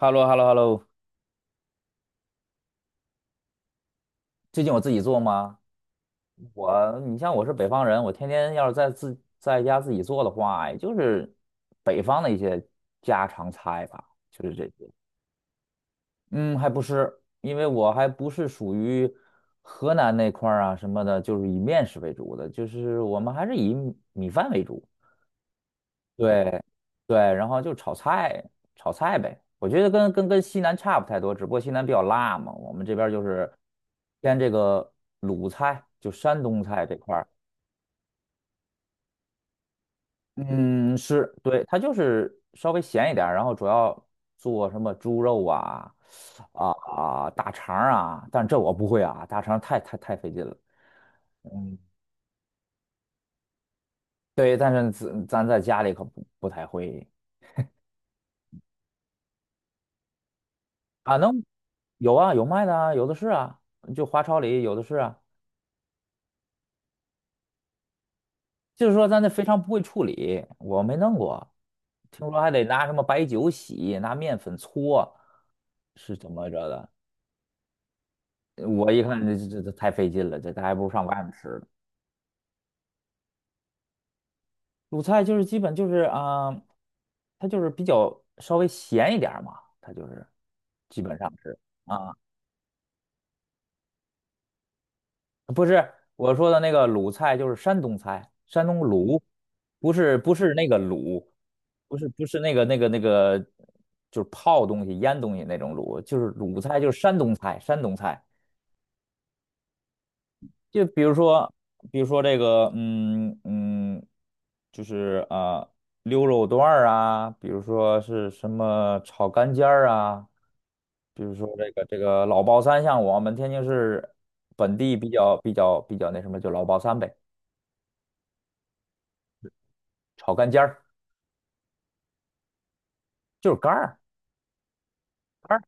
h e l l o h e l l o h e l l o。 最近我自己做吗？你像我是北方人，我天天要是在家自己做的话，也就是北方的一些家常菜吧，就是这些。嗯，还不是，因为我还不是属于河南那块儿啊什么的，就是以面食为主的，就是我们还是以米饭为主。对对，然后就炒菜，炒菜呗。我觉得跟西南差不太多，只不过西南比较辣嘛，我们这边儿就是偏这个鲁菜，就山东菜这块儿。嗯，是，对，它就是稍微咸一点儿，然后主要做什么猪肉啊啊大肠儿啊，但这我不会啊，大肠儿太费劲了。嗯，对，但是咱在家里可不太会啊，能有啊，有卖的啊，有的是啊，就华超里有的是啊。就是说咱这肥肠不会处理，我没弄过，听说还得拿什么白酒洗，拿面粉搓，是怎么着的？我一看这太费劲了，这咱还不如上外面吃呢。鲁菜就是基本就是啊，它就是比较稍微咸一点儿嘛，它就是基本上是啊。不是我说的那个鲁菜，就是山东菜，山东鲁，不是那个鲁，不是那个，就是泡东西、腌东西那种鲁，就是鲁菜，就是山东菜，山东菜。就比如说，比如说这个，嗯嗯，就是啊，溜肉段儿啊，比如说是什么炒肝尖儿啊，比如说这个老爆三，像我们天津市本地比较那什么，就老爆三呗。炒干尖儿，就是肝儿，肝儿，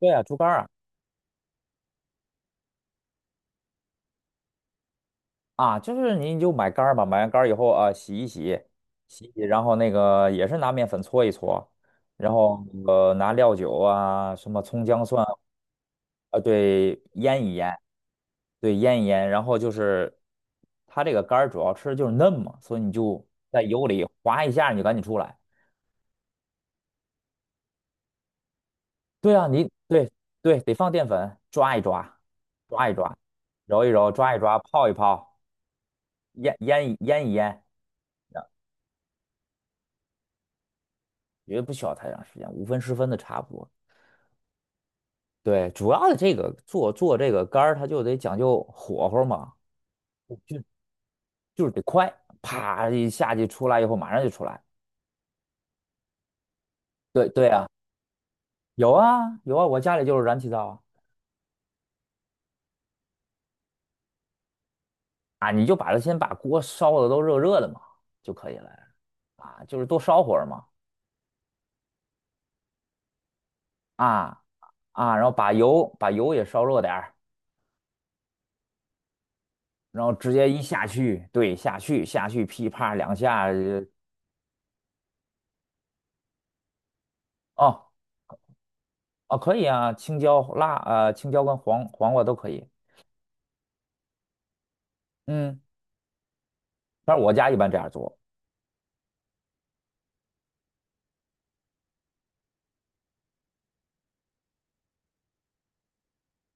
对啊，猪肝儿啊，啊，就是你就买肝儿吧，买完肝儿以后啊，洗一洗，洗一洗，然后那个也是拿面粉搓一搓，然后拿料酒啊，什么葱姜蒜啊，对，腌一腌，对，腌一腌，然后就是它这个肝儿主要吃的就是嫩嘛，所以你就在油里划一下，你就赶紧出来。对啊，对，得放淀粉，抓一抓，抓一抓，揉一揉，抓一抓，泡一泡，腌一腌，也不需要太长时间，5分10分的差不多。对，主要的这个做这个干儿，它就得讲究火候嘛，就就是得快，啪一下去出来以后马上就出来。对对啊，有啊有啊，我家里就是燃气灶啊，啊，你就把它先把锅烧的都热热的嘛，就可以了，啊，就是多烧会儿嘛，啊啊，然后把油也烧热点儿，然后直接一下去，对，下去下去噼啪两下，哦，哦，可以啊，青椒跟黄瓜都可以。嗯，反正我家一般这样做。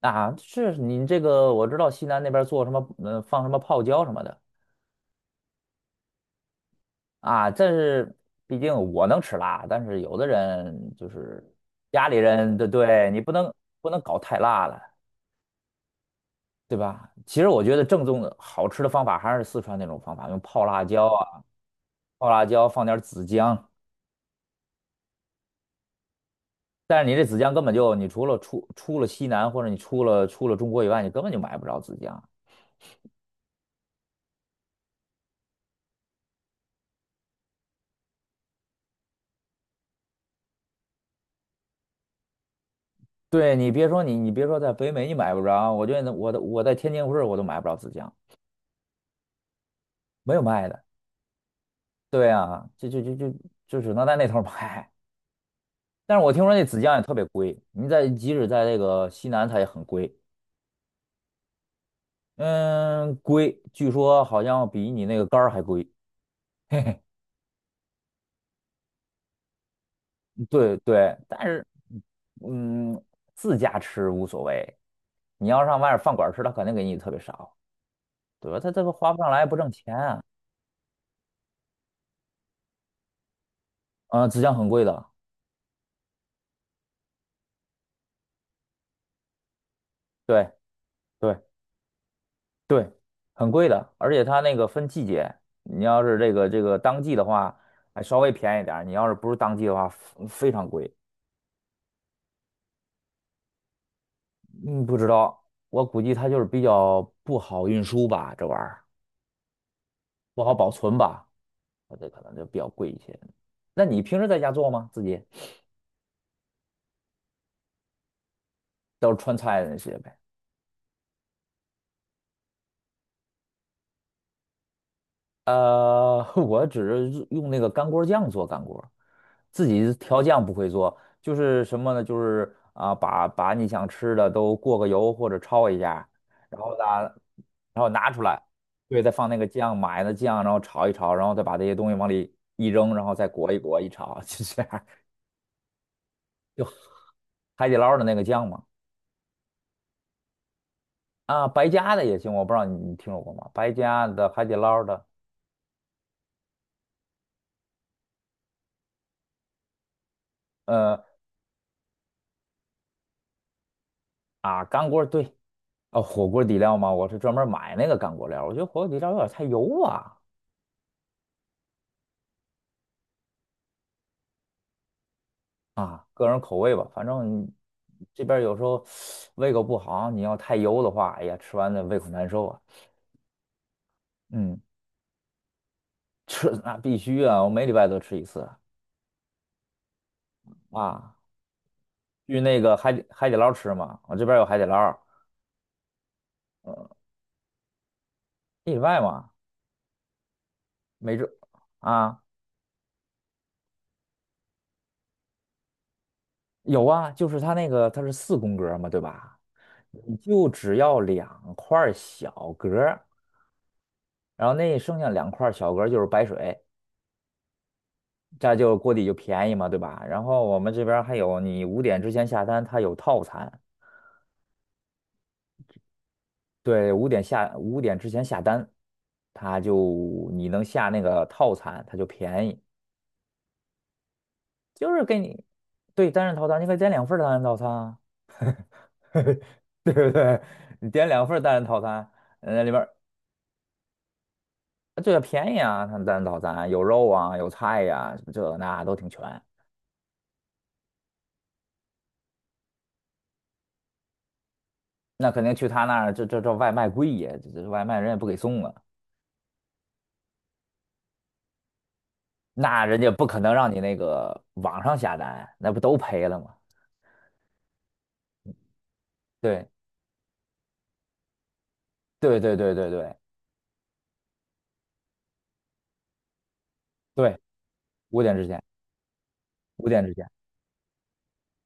啊，是你这个我知道西南那边做什么，放什么泡椒什么的。啊，这是毕竟我能吃辣，但是有的人就是家里人的，对，你不能搞太辣了，对吧？其实我觉得正宗的好吃的方法还是四川那种方法，用泡辣椒啊，泡辣椒放点儿子姜。但是你这紫姜根本就，你除了出了西南或者你出了中国以外，你根本就买不着紫姜。对，你别说你别说在北美你买不着，我觉得我在天津市我都买不着紫姜，没有卖的。对啊，就只能在那头儿买。但是我听说那紫姜也特别贵，即使在这个西南它也很贵，嗯，贵，据说好像比你那个肝儿还贵。对对，但是，嗯，自家吃无所谓，你要上外面饭馆吃，他肯定给你特别少，对吧？他这个花不上来，不挣钱啊。嗯、浙江很贵的，对对对，很贵的，而且他那个分季节，你要是这个当季的话，还稍微便宜点儿，你要是不是当季的话，非常贵。嗯，不知道，我估计他就是比较不好运输吧，这玩意儿不好保存吧，这可能就比较贵一些。那你平时在家做吗？自己？都是川菜的那些呗。我只是用那个干锅酱做干锅，自己调酱不会做，就是什么呢？就是啊，把你想吃的都过个油或者焯一下，然后呢，然后拿出来，对，再放那个酱，买的酱，然后炒一炒，然后再把这些东西往里一扔，然后再裹一裹一炒，就这样。海底捞的那个酱嘛，啊，白家的也行，我不知道你听说过吗？白家的、海底捞的，呃干锅，对，啊，火锅底料吗？我是专门买那个干锅料儿，我觉得火锅底料有点太油啊，啊，个人口味吧。反正这边儿有时候胃口不好，你要太油的话，哎呀，吃完的胃口难受啊。嗯，吃那必须啊，我每礼拜都吃一次啊。去那个海底捞吃嘛，我这边儿有海底捞儿，一礼拜嘛，每周啊，有啊，就是它那个它是四宫格儿嘛，对吧？你就只要两块儿小格儿，然后那剩下两块儿小格儿就是白水。这样就锅底就便宜嘛，对吧？然后我们这边儿还有，你五点之前下单，它有套餐。对，五点之前下单，它就你能下那个套餐，它就便宜，就是给你，对，单人套餐，你可以点两份儿单人套餐啊，对不对？你点两份儿单人套餐，那里边，这对啊，便宜啊，它单人套餐有肉啊，有菜呀、什么这那都挺全。那肯定去他那儿，这外卖贵呀，这外卖人也不给送啊。那人家不可能让你那个网上下单，那不都赔了吗？对对对对对对对，五点之前，五点之前，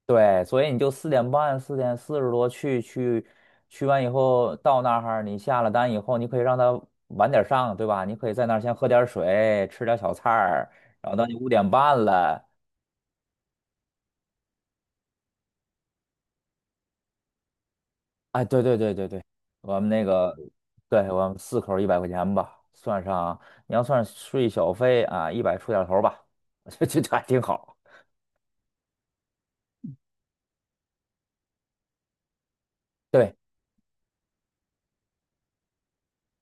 对，所以你就4点半、4点40多去完以后，到那儿你下了单以后，你可以让他晚点上，对吧？你可以在那儿先喝点水，吃点小菜儿，然后到你5点半了，哎，对对对对对，我们那个，对，我们四口100块钱吧，算上你要算税小费啊，一百出点头儿吧，这还挺好。对，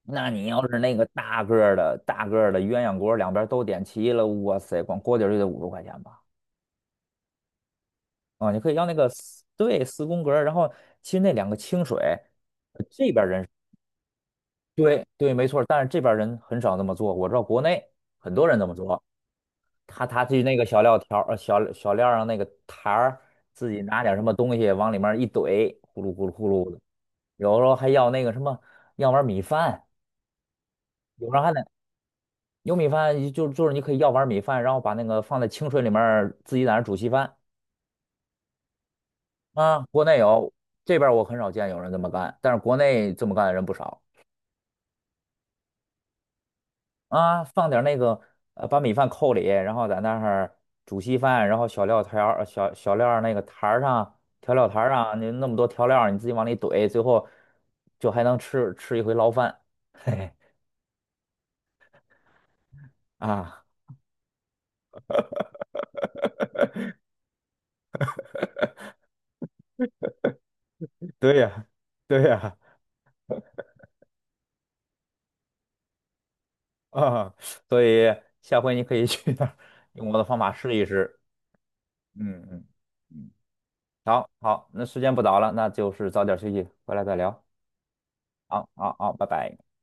那你要是那个大个儿的鸳鸯锅，两边都点齐了，哇塞，光锅底儿就得50块钱吧？啊，你可以要那个四，对，四宫格儿，然后其实那两个清水，这边儿人对对，没错儿，但是这边儿人很少那么做，我知道国内很多人这么做。他去那个小料条儿、小料上那个台儿，自己拿点什么东西往里面一怼，呼噜呼噜呼噜的。有时候还要那个什么，要碗米饭，有时候还得有米饭，就是你可以要碗米饭，然后把那个放在清水里面儿自己在那儿煮稀饭。啊，国内有，这边儿我很少见有人这么干，但是国内这么干的人不少。啊，放点儿那个，把米饭扣里，然后在那儿煮稀饭，然后小料条儿、小料儿那个坛儿上、调料坛儿上，你那么多调料儿，你自己往里怼，最后就还能一回捞饭。嘿嘿，啊，对呀，对呀，啊，所以下回你可以去那儿用我的方法试一试。嗯嗯嗯，好好，那时间不早了，那就是早点休息，回来再聊。好好好，拜拜。